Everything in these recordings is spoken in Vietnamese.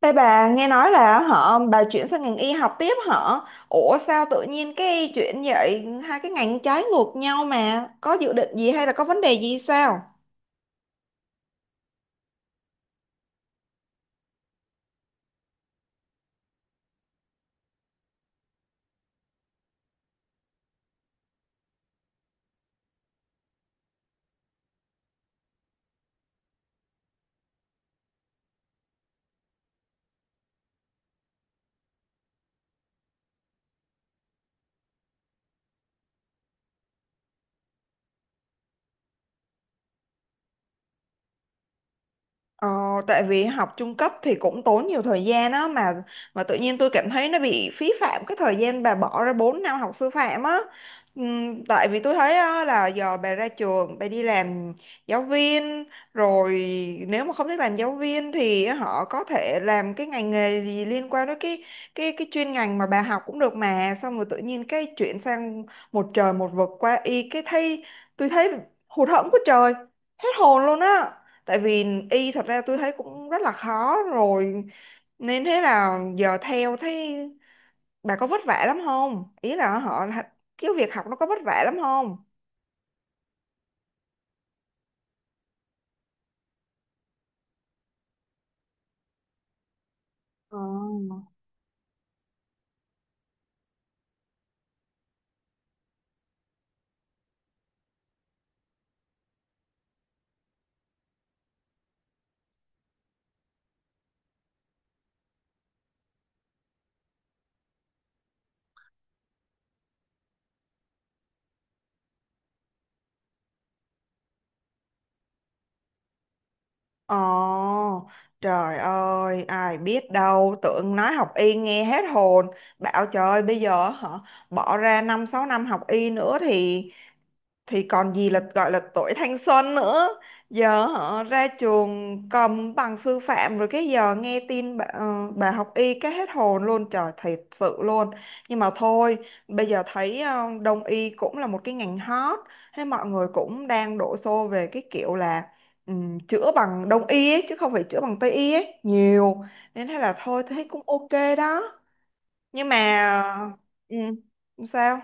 Ê bà nghe nói là họ bà chuyển sang ngành y học tiếp hả? Ủa sao tự nhiên cái chuyện vậy, hai cái ngành trái ngược nhau mà, có dự định gì hay là có vấn đề gì sao? Ờ, Tại vì học trung cấp thì cũng tốn nhiều thời gian á, mà tự nhiên tôi cảm thấy nó bị phí phạm cái thời gian bà bỏ ra 4 năm học sư phạm á. Tại vì tôi thấy á, là giờ bà ra trường bà đi làm giáo viên rồi, nếu mà không thích làm giáo viên thì họ có thể làm cái ngành nghề gì liên quan đến cái chuyên ngành mà bà học cũng được, mà xong rồi tự nhiên cái chuyển sang một trời một vực qua y, cái thấy, tôi thấy hụt hẫng của trời, hết hồn luôn á. Tại vì y thật ra tôi thấy cũng rất là khó rồi, nên thế là giờ theo thấy bà có vất vả lắm không, ý là họ cái việc học nó có vất vả lắm không? Ờ. Ồ, trời ơi, ai biết đâu, tưởng nói học y nghe hết hồn. Bảo trời, bây giờ họ bỏ ra năm sáu năm học y nữa thì còn gì là gọi là tuổi thanh xuân nữa. Giờ họ ra trường cầm bằng sư phạm rồi, cái giờ nghe tin bà, bà học y, cái hết hồn luôn trời, thiệt sự luôn. Nhưng mà thôi, bây giờ thấy đông y cũng là một cái ngành hot, thế mọi người cũng đang đổ xô về cái kiểu là chữa bằng đông y ấy, chứ không phải chữa bằng tây y ấy nhiều, nên thế là thôi thấy cũng ok. Đó, nhưng mà ừ, sao?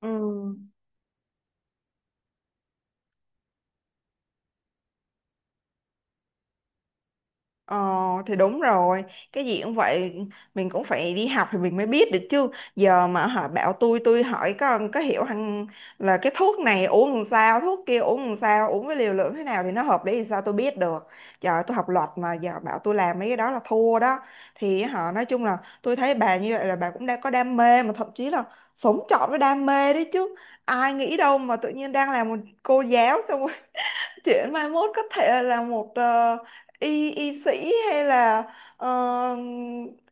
Ừ. Ờ thì đúng rồi. Cái gì cũng vậy. Mình cũng phải đi học thì mình mới biết được chứ. Giờ mà họ bảo tôi hỏi có hiểu hằng là cái thuốc này uống làm sao, thuốc kia uống làm sao, uống với liều lượng thế nào thì nó hợp lý, thì sao tôi biết được. Giờ tôi học luật mà giờ bảo tôi làm mấy cái đó là thua đó. Thì họ nói chung là tôi thấy bà như vậy là bà cũng đang có đam mê, mà thậm chí là sống trọn với đam mê đấy chứ. Ai nghĩ đâu mà tự nhiên đang làm một cô giáo, xong chuyển mốt có thể là một, y y sĩ hay là ờ,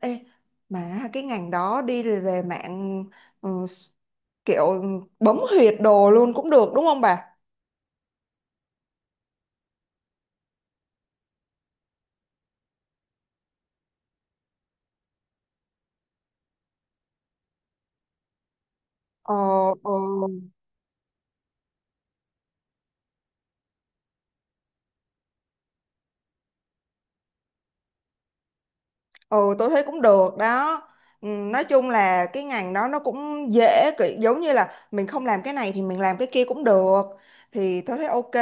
ê, mà cái ngành đó đi về mạng, ờ, kiểu bấm huyệt đồ luôn cũng được, đúng không bà? Ờ, ờ, ừ tôi thấy cũng được đó. Ừ, nói chung là cái ngành đó nó cũng dễ, kiểu giống như là mình không làm cái này thì mình làm cái kia cũng được. Thì tôi thấy ok.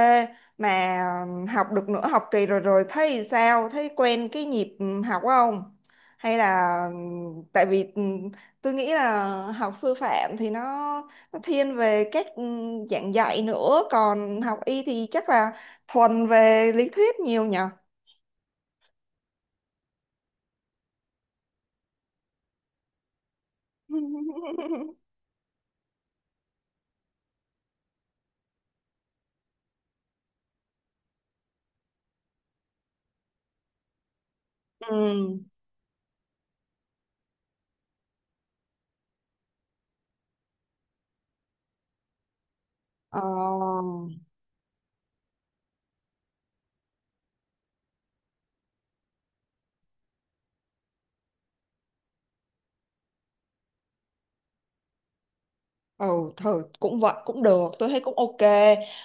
Mà học được nửa học kỳ rồi, rồi thấy sao? Thấy quen cái nhịp học không? Hay là tại vì tôi nghĩ là học sư phạm thì nó thiên về các dạng dạy nữa, còn học y thì chắc là thuần về lý thuyết nhiều nhỉ. Ừ. Ờ, ừ, thử cũng vậy cũng được, tôi thấy cũng ok.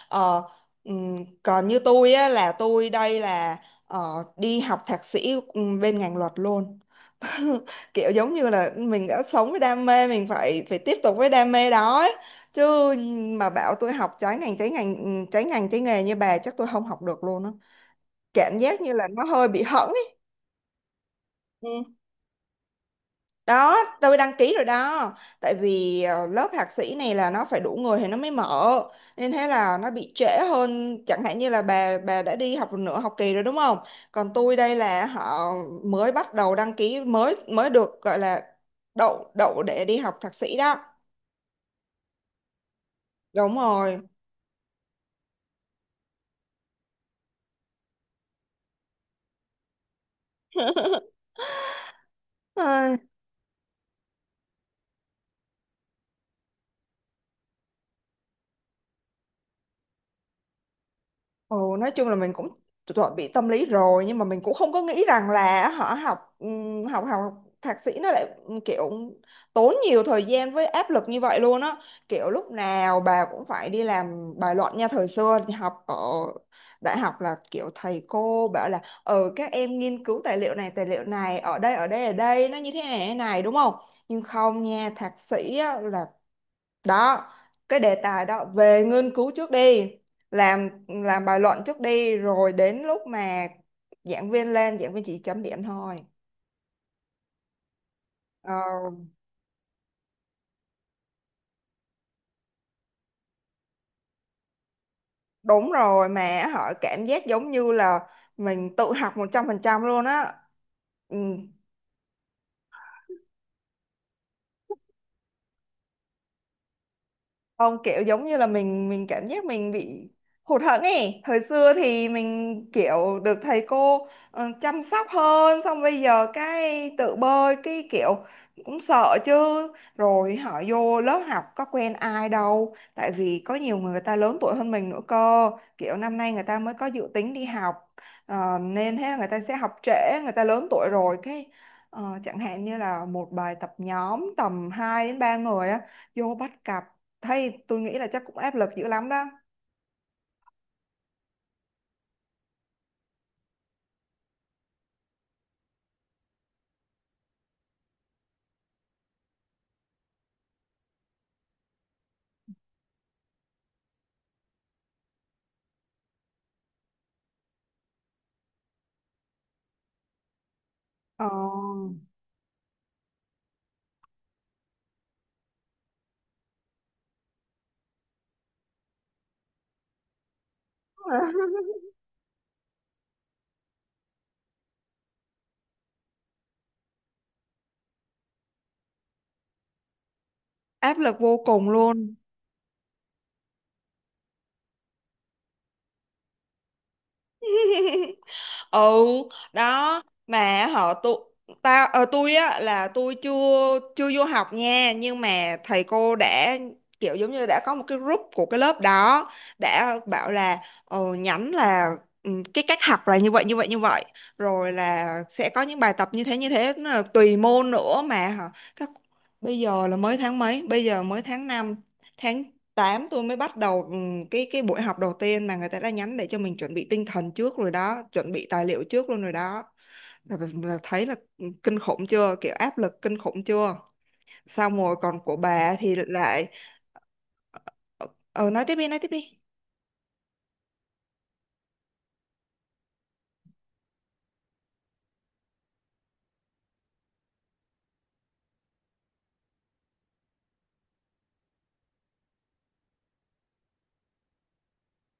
ờ, Còn như tôi á là tôi đây là đi học thạc sĩ bên ngành luật luôn. Kiểu giống như là mình đã sống với đam mê mình phải phải tiếp tục với đam mê đó ấy. Chứ mà bảo tôi học trái ngành trái ngành trái nghề như bà chắc tôi không học được luôn á, cảm giác như là nó hơi bị hẫng ấy. Đó, tôi đăng ký rồi đó. Tại vì lớp thạc sĩ này là nó phải đủ người thì nó mới mở, nên thế là nó bị trễ hơn. Chẳng hạn như là bà đã đi học nửa học kỳ rồi đúng không, còn tôi đây là họ mới bắt đầu đăng ký, mới mới được gọi là đậu đậu để đi học thạc sĩ đó. Đúng rồi. Ai, ừ, nói chung là mình cũng chuẩn bị tâm lý rồi, nhưng mà mình cũng không có nghĩ rằng là họ học, học thạc sĩ nó lại kiểu tốn nhiều thời gian với áp lực như vậy luôn á. Kiểu lúc nào bà cũng phải đi làm bài luận nha. Thời xưa thì học ở đại học là kiểu thầy cô bảo là ừ các em nghiên cứu tài liệu này ở đây ở đây ở đây nó như thế này đúng không, nhưng không nha, thạc sĩ á, là đó, cái đề tài đó về nghiên cứu trước đi, làm bài luận trước đi, rồi đến lúc mà giảng viên lên giảng viên chỉ chấm điểm thôi. Ờ, đúng rồi, mà họ cảm giác giống như là mình tự học 100% luôn á. Ừ, không, kiểu giống như là mình cảm giác mình bị hụt hẫng ấy. Thời xưa thì mình kiểu được thầy cô chăm sóc hơn, xong bây giờ cái tự bơi cái kiểu cũng sợ chứ. Rồi họ vô lớp học có quen ai đâu, tại vì có nhiều người, người ta lớn tuổi hơn mình nữa cơ. Kiểu năm nay người ta mới có dự tính đi học, nên thế là người ta sẽ học trễ, người ta lớn tuổi rồi, cái chẳng hạn như là một bài tập nhóm tầm 2 đến 3 người á, vô bắt cặp. Thấy tôi nghĩ là chắc cũng áp lực dữ lắm đó. Ờ. Áp lực vô cùng luôn. Ừ. Đó, mà họ tụ, tôi á là tôi chưa chưa vô học nha, nhưng mà thầy cô đã kiểu giống như đã có một cái group của cái lớp đó, đã bảo là nhắn là cái cách học là như vậy như vậy như vậy, rồi là sẽ có những bài tập như thế như thế, nó là tùy môn nữa mà hả các. Bây giờ là mới tháng mấy, bây giờ mới tháng 5, tháng 8 tôi mới bắt đầu, cái buổi học đầu tiên mà người ta đã nhắn để cho mình chuẩn bị tinh thần trước rồi đó, chuẩn bị tài liệu trước luôn rồi đó. Là, là thấy là ừ, kinh khủng chưa, kiểu áp lực kinh khủng chưa. Xong rồi còn của bà thì lại, ờ nói tiếp đi, nói tiếp đi.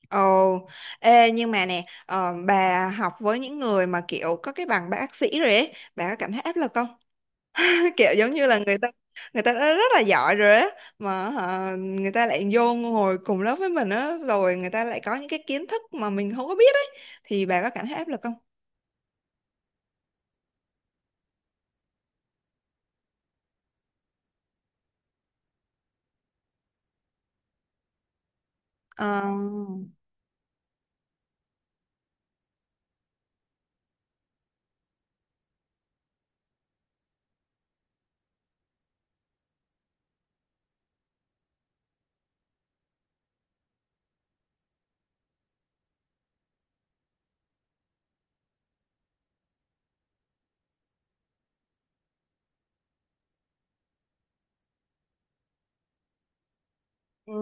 Ồ. Ê nhưng mà nè, bà học với những người mà kiểu có cái bằng bác sĩ rồi ấy, bà có cảm thấy áp lực không? Kiểu giống như là người ta đã rất là giỏi rồi á, mà hả, người ta lại vô ngồi cùng lớp với mình á, rồi người ta lại có những cái kiến thức mà mình không có biết ấy, thì bà có cảm thấy áp lực không? Ờ. Ừ.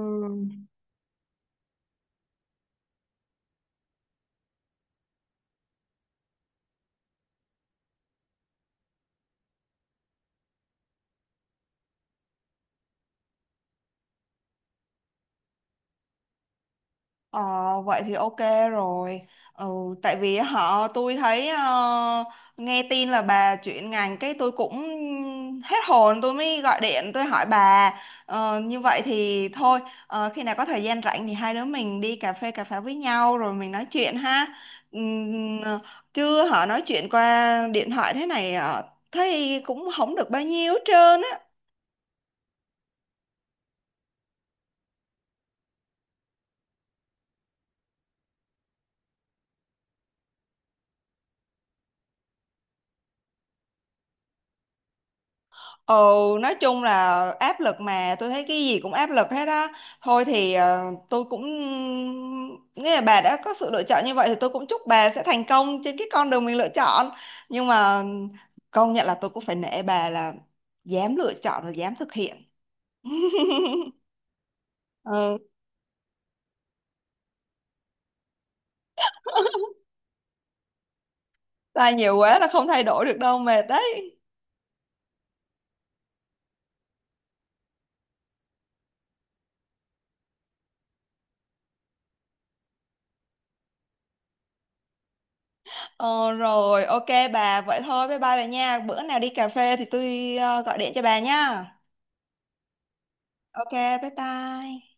Ờ, vậy thì ok rồi. Ừ, tại vì họ tôi thấy, nghe tin là bà chuyển ngành cái tôi cũng hết hồn, tôi mới gọi điện tôi hỏi bà. Ờ, như vậy thì thôi, khi nào có thời gian rảnh thì hai đứa mình đi cà phê cà pháo với nhau rồi mình nói chuyện ha. Ừm, chứ họ nói chuyện qua điện thoại thế này thấy cũng không được bao nhiêu hết trơn á. Ừ, nói chung là áp lực, mà tôi thấy cái gì cũng áp lực hết á. Thôi thì tôi cũng nghĩa là bà đã có sự lựa chọn như vậy thì tôi cũng chúc bà sẽ thành công trên cái con đường mình lựa chọn. Nhưng mà công nhận là tôi cũng phải nể bà là dám lựa chọn và dám thực hiện. Ừ, sai nhiều quá là không thay đổi được đâu, mệt đấy. Ờ, rồi, ok bà, vậy thôi, bye bye bà nha. Bữa nào đi cà phê thì tôi gọi điện cho bà nha. Ok, bye bye.